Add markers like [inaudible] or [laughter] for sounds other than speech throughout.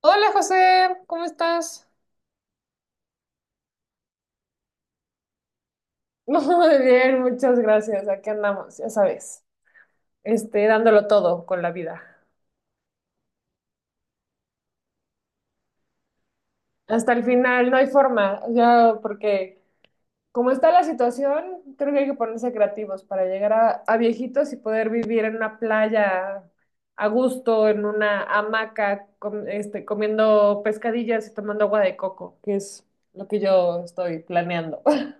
Hola José, ¿cómo estás? [laughs] Muy bien, muchas gracias. Aquí andamos, ya sabes, dándolo todo con la vida. Hasta el final, no hay forma, ya porque como está la situación, creo que hay que ponerse creativos para llegar a viejitos y poder vivir en una playa a gusto, en una hamaca, comiendo pescadillas y tomando agua de coco, que es lo que yo estoy planeando. [laughs]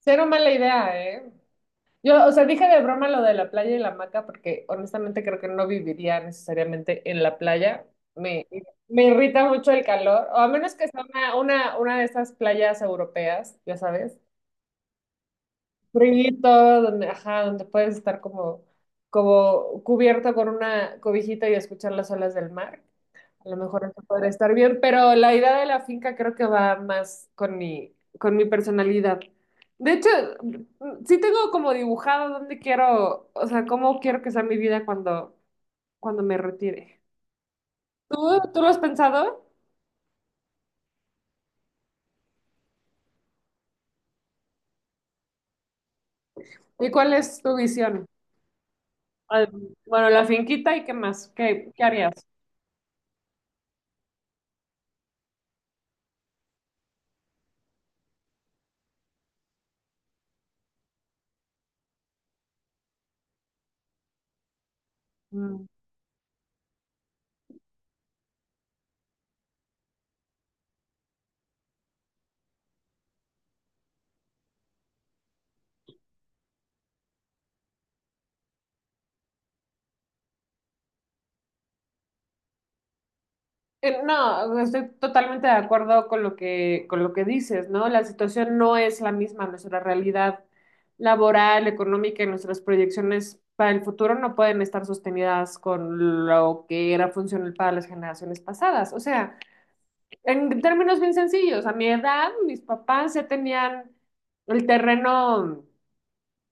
Cero mala idea, ¿eh? Yo, o sea, dije de broma lo de la playa y la hamaca porque honestamente creo que no viviría necesariamente en la playa. Me, me irrita mucho el calor, o a menos que sea una de esas playas europeas, ya sabes, frito, donde, ajá, donde puedes estar como cubierto con una cobijita y escuchar las olas del mar. A lo mejor eso podría estar bien, pero la idea de la finca creo que va más con mi personalidad. De hecho, sí tengo como dibujado dónde quiero, o sea, cómo quiero que sea mi vida cuando me retire. ¿Tú lo has pensado? ¿Y cuál es tu visión? Ah, bueno, la finquita y qué más, ¿qué harías? Mm. No, estoy totalmente de acuerdo con con lo que dices, ¿no? La situación no es la misma, nuestra realidad laboral, económica y nuestras proyecciones para el futuro no pueden estar sostenidas con lo que era funcional para las generaciones pasadas. O sea, en términos bien sencillos, a mi edad, mis papás ya tenían el terreno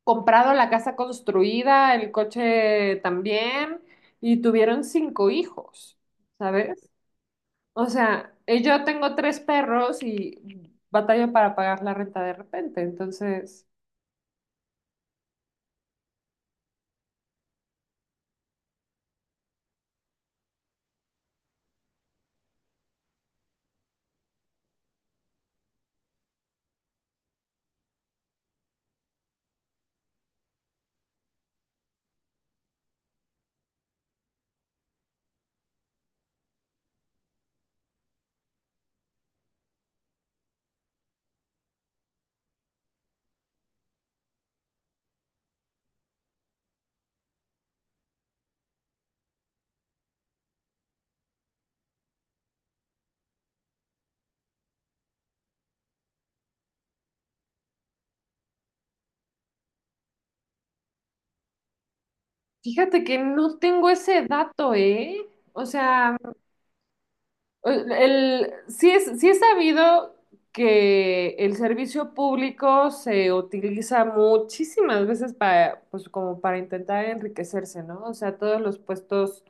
comprado, la casa construida, el coche también, y tuvieron cinco hijos, ¿sabes? O sea, yo tengo tres perros y batalla para pagar la renta de repente. Entonces, fíjate que no tengo ese dato, ¿eh? O sea, sí es sabido que el servicio público se utiliza muchísimas veces para, pues, como para intentar enriquecerse, ¿no? O sea, todos los puestos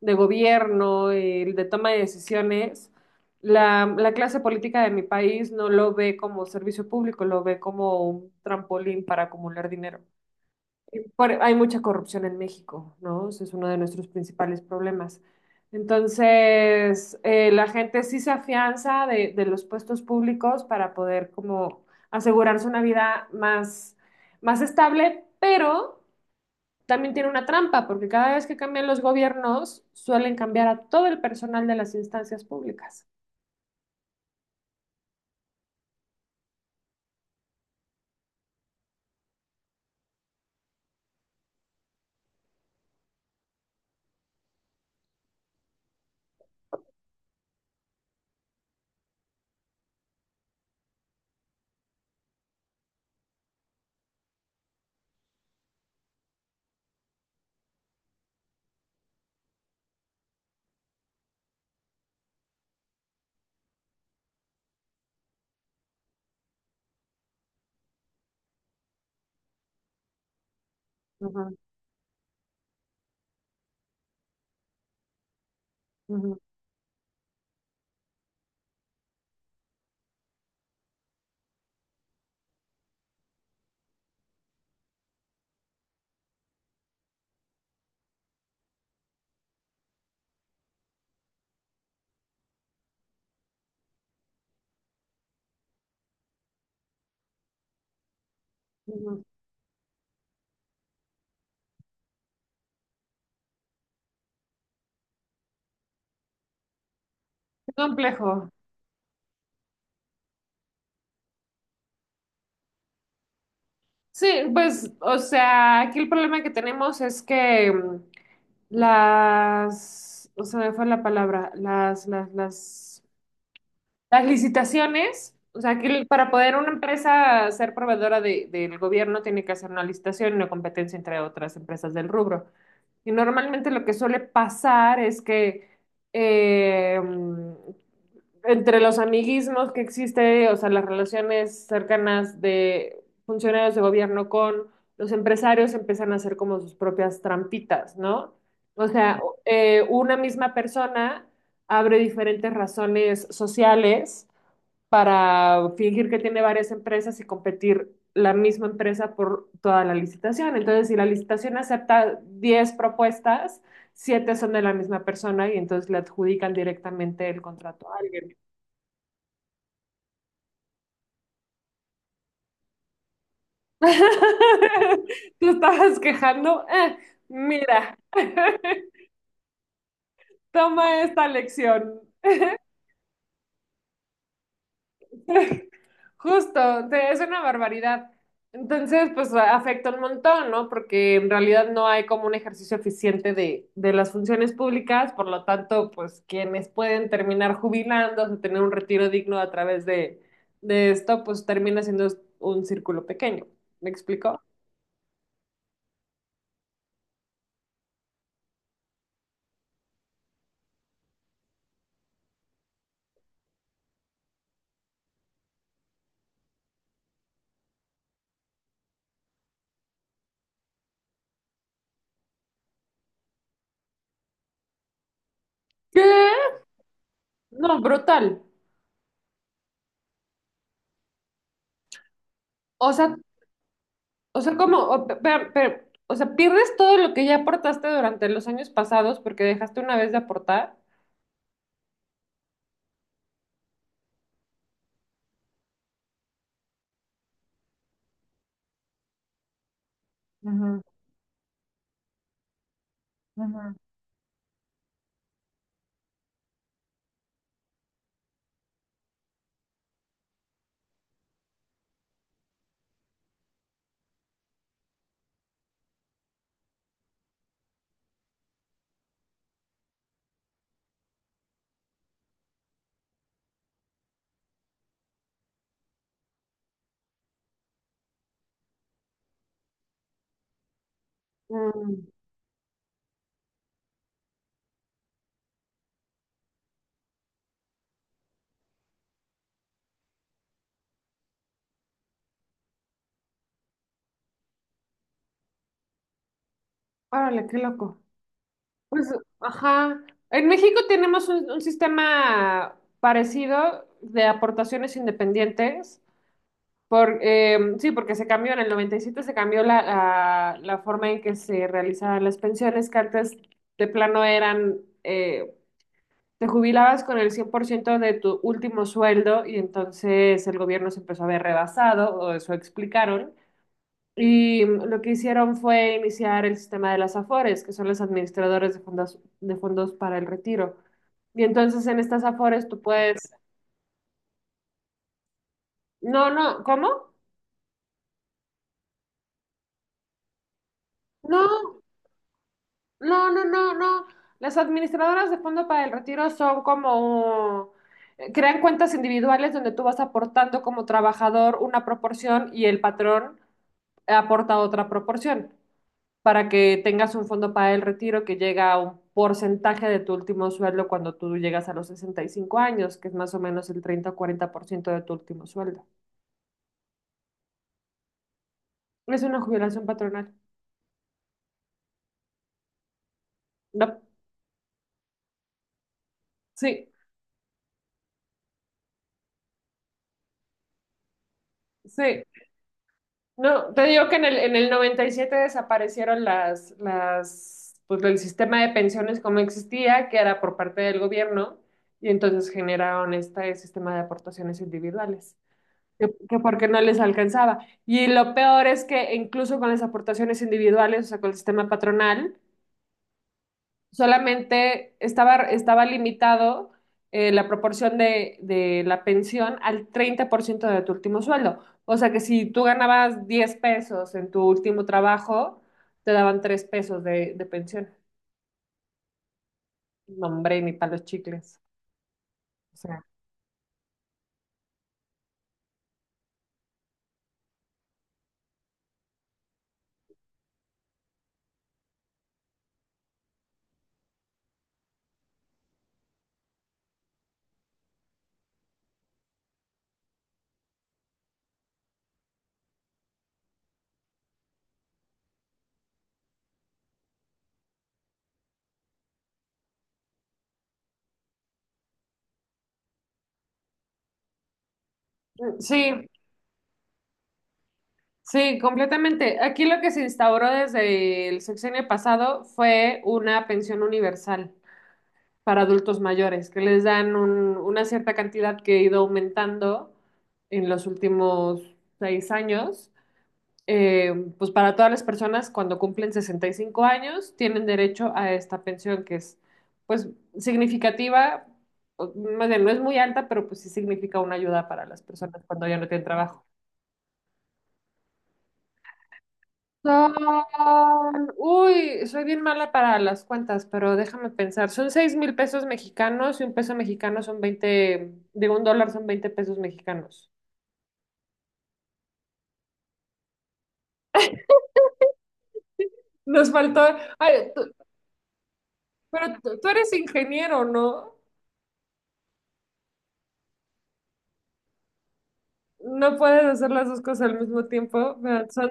de gobierno, el de toma de decisiones, la clase política de mi país no lo ve como servicio público, lo ve como un trampolín para acumular dinero. Hay mucha corrupción en México, ¿no? Ese es uno de nuestros principales problemas. Entonces, la gente sí se afianza de los puestos públicos para poder como asegurarse una vida más estable, pero también tiene una trampa, porque cada vez que cambian los gobiernos, suelen cambiar a todo el personal de las instancias públicas. Ujú, ujú, ujú. Es complejo. Sí, pues, o sea, aquí el problema que tenemos es que o sea, me fue la palabra, las licitaciones, o sea, que para poder una empresa ser proveedora del gobierno tiene que hacer una licitación y una competencia entre otras empresas del rubro. Y normalmente lo que suele pasar es que eh, entre los amiguismos que existe, o sea, las relaciones cercanas de funcionarios de gobierno con los empresarios empiezan a hacer como sus propias trampitas, ¿no? O sea, una misma persona abre diferentes razones sociales para fingir que tiene varias empresas y competir la misma empresa por toda la licitación. Entonces, si la licitación acepta 10 propuestas, 7 son de la misma persona y entonces le adjudican directamente el contrato a alguien. [laughs] Tú estabas quejando, mira, [laughs] toma esta lección. [laughs] Justo, o sea, es una barbaridad. Entonces, pues afecta un montón, ¿no? Porque en realidad no hay como un ejercicio eficiente de las funciones públicas, por lo tanto, pues quienes pueden terminar jubilándose, tener un retiro digno a través de esto, pues termina siendo un círculo pequeño. ¿Me explico? ¿Qué? No, brutal. O sea, o sea, como, o, pe- pe- pe- o sea, pierdes todo lo que ya aportaste durante los años pasados porque dejaste una vez de aportar. Ujú, ujú. Mm. Órale, qué loco. Pues, ajá. En México tenemos un sistema parecido de aportaciones independientes. Sí, porque se cambió en el 97 se cambió la forma en que se realizaban las pensiones, que antes de plano eran, eh, te jubilabas con el 100% de tu último sueldo y entonces el gobierno se empezó a ver rebasado, o eso explicaron. Y lo que hicieron fue iniciar el sistema de las AFORES, que son los administradores de fondos, para el retiro. Y entonces en estas AFORES tú puedes... No, no, ¿cómo? No, no, no, no, no. Las administradoras de fondo para el retiro son como... crean cuentas individuales donde tú vas aportando como trabajador una proporción y el patrón aporta otra proporción. Para que tengas un fondo para el retiro que llega a un porcentaje de tu último sueldo cuando tú llegas a los 65 años, que es más o menos el 30 o 40% de tu último sueldo. Es una jubilación patronal. No, sí, sí. No, te digo que en el 97 desaparecieron pues el sistema de pensiones como existía, que era por parte del gobierno, y entonces generaron este sistema de aportaciones individuales. Que porque no les alcanzaba. Y lo peor es que incluso con las aportaciones individuales, o sea, con el sistema patronal, solamente estaba limitado la proporción de la pensión al 30% de tu último sueldo. O sea que si tú ganabas 10 pesos en tu último trabajo, te daban 3 pesos de pensión. No, hombre, ni para los chicles. O sea, sí, sí, completamente. Aquí lo que se instauró desde el sexenio pasado fue una pensión universal para adultos mayores, que les dan una cierta cantidad que ha ido aumentando en los últimos 6 años. Pues para todas las personas cuando cumplen 65 años tienen derecho a esta pensión que es, pues, significativa, o, más bien, no es muy alta, pero pues sí significa una ayuda para las personas cuando ya no tienen trabajo. Son, uy, soy bien mala para las cuentas, pero déjame pensar. Son 6,000 pesos mexicanos y un peso mexicano son veinte, digo, un dólar son 20 pesos mexicanos. Nos faltó, ay, pero tú eres ingeniero, ¿no? No puedes hacer las dos cosas al mismo tiempo. Pero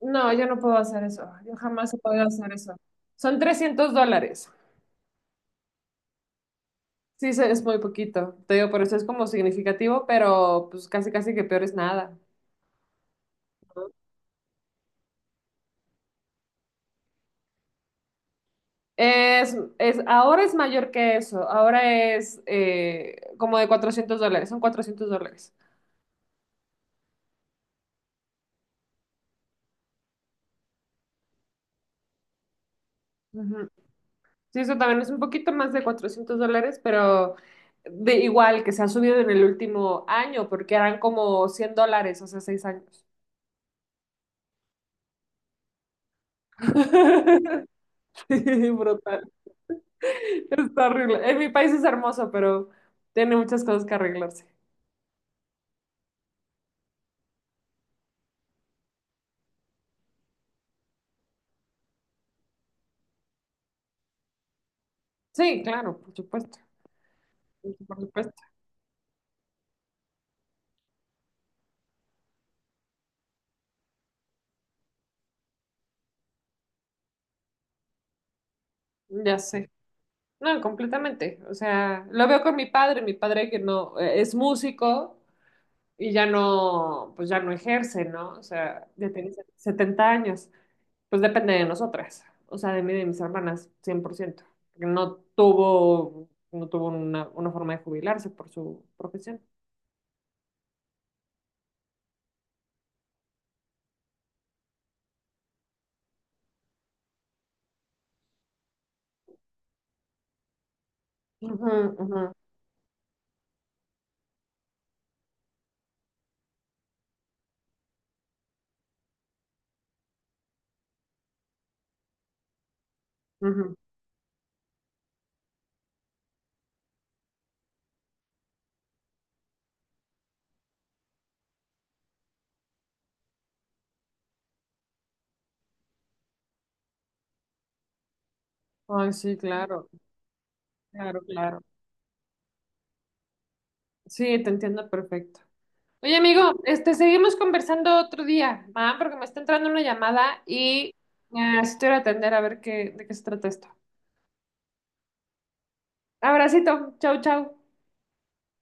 no, yo no puedo hacer eso. Yo jamás he podido hacer eso. Son 300 dólares. Sí, es muy poquito. Te digo, por eso es como significativo, pero pues casi casi que peor es nada. Ahora es mayor que eso, ahora es como de 400 dólares, son 400 dólares. Ujú. Sí, eso también es un poquito más de 400 dólares, pero de igual que se ha subido en el último año, porque eran como 100 dólares hace 6 años. [laughs] Sí, brutal. Está horrible. En mi país es hermoso, pero tiene muchas cosas que arreglarse. Sí, claro, por supuesto. Por supuesto, ya sé. No, completamente. O sea, lo veo con mi padre que no es músico y ya no, pues ya no ejerce, ¿no? O sea, ya tiene 70 años. Pues depende de nosotras, o sea, de mí y de mis hermanas, 100%, porque no tuvo una forma de jubilarse por su profesión. Ujú, ujú, ujú. Ay, sí, claro, claro, claro. Sí, te entiendo perfecto. Oye, amigo, seguimos conversando otro día, ¿va? Porque me está entrando una llamada y así te voy a atender a ver de qué se trata esto. Abracito, chau, chau.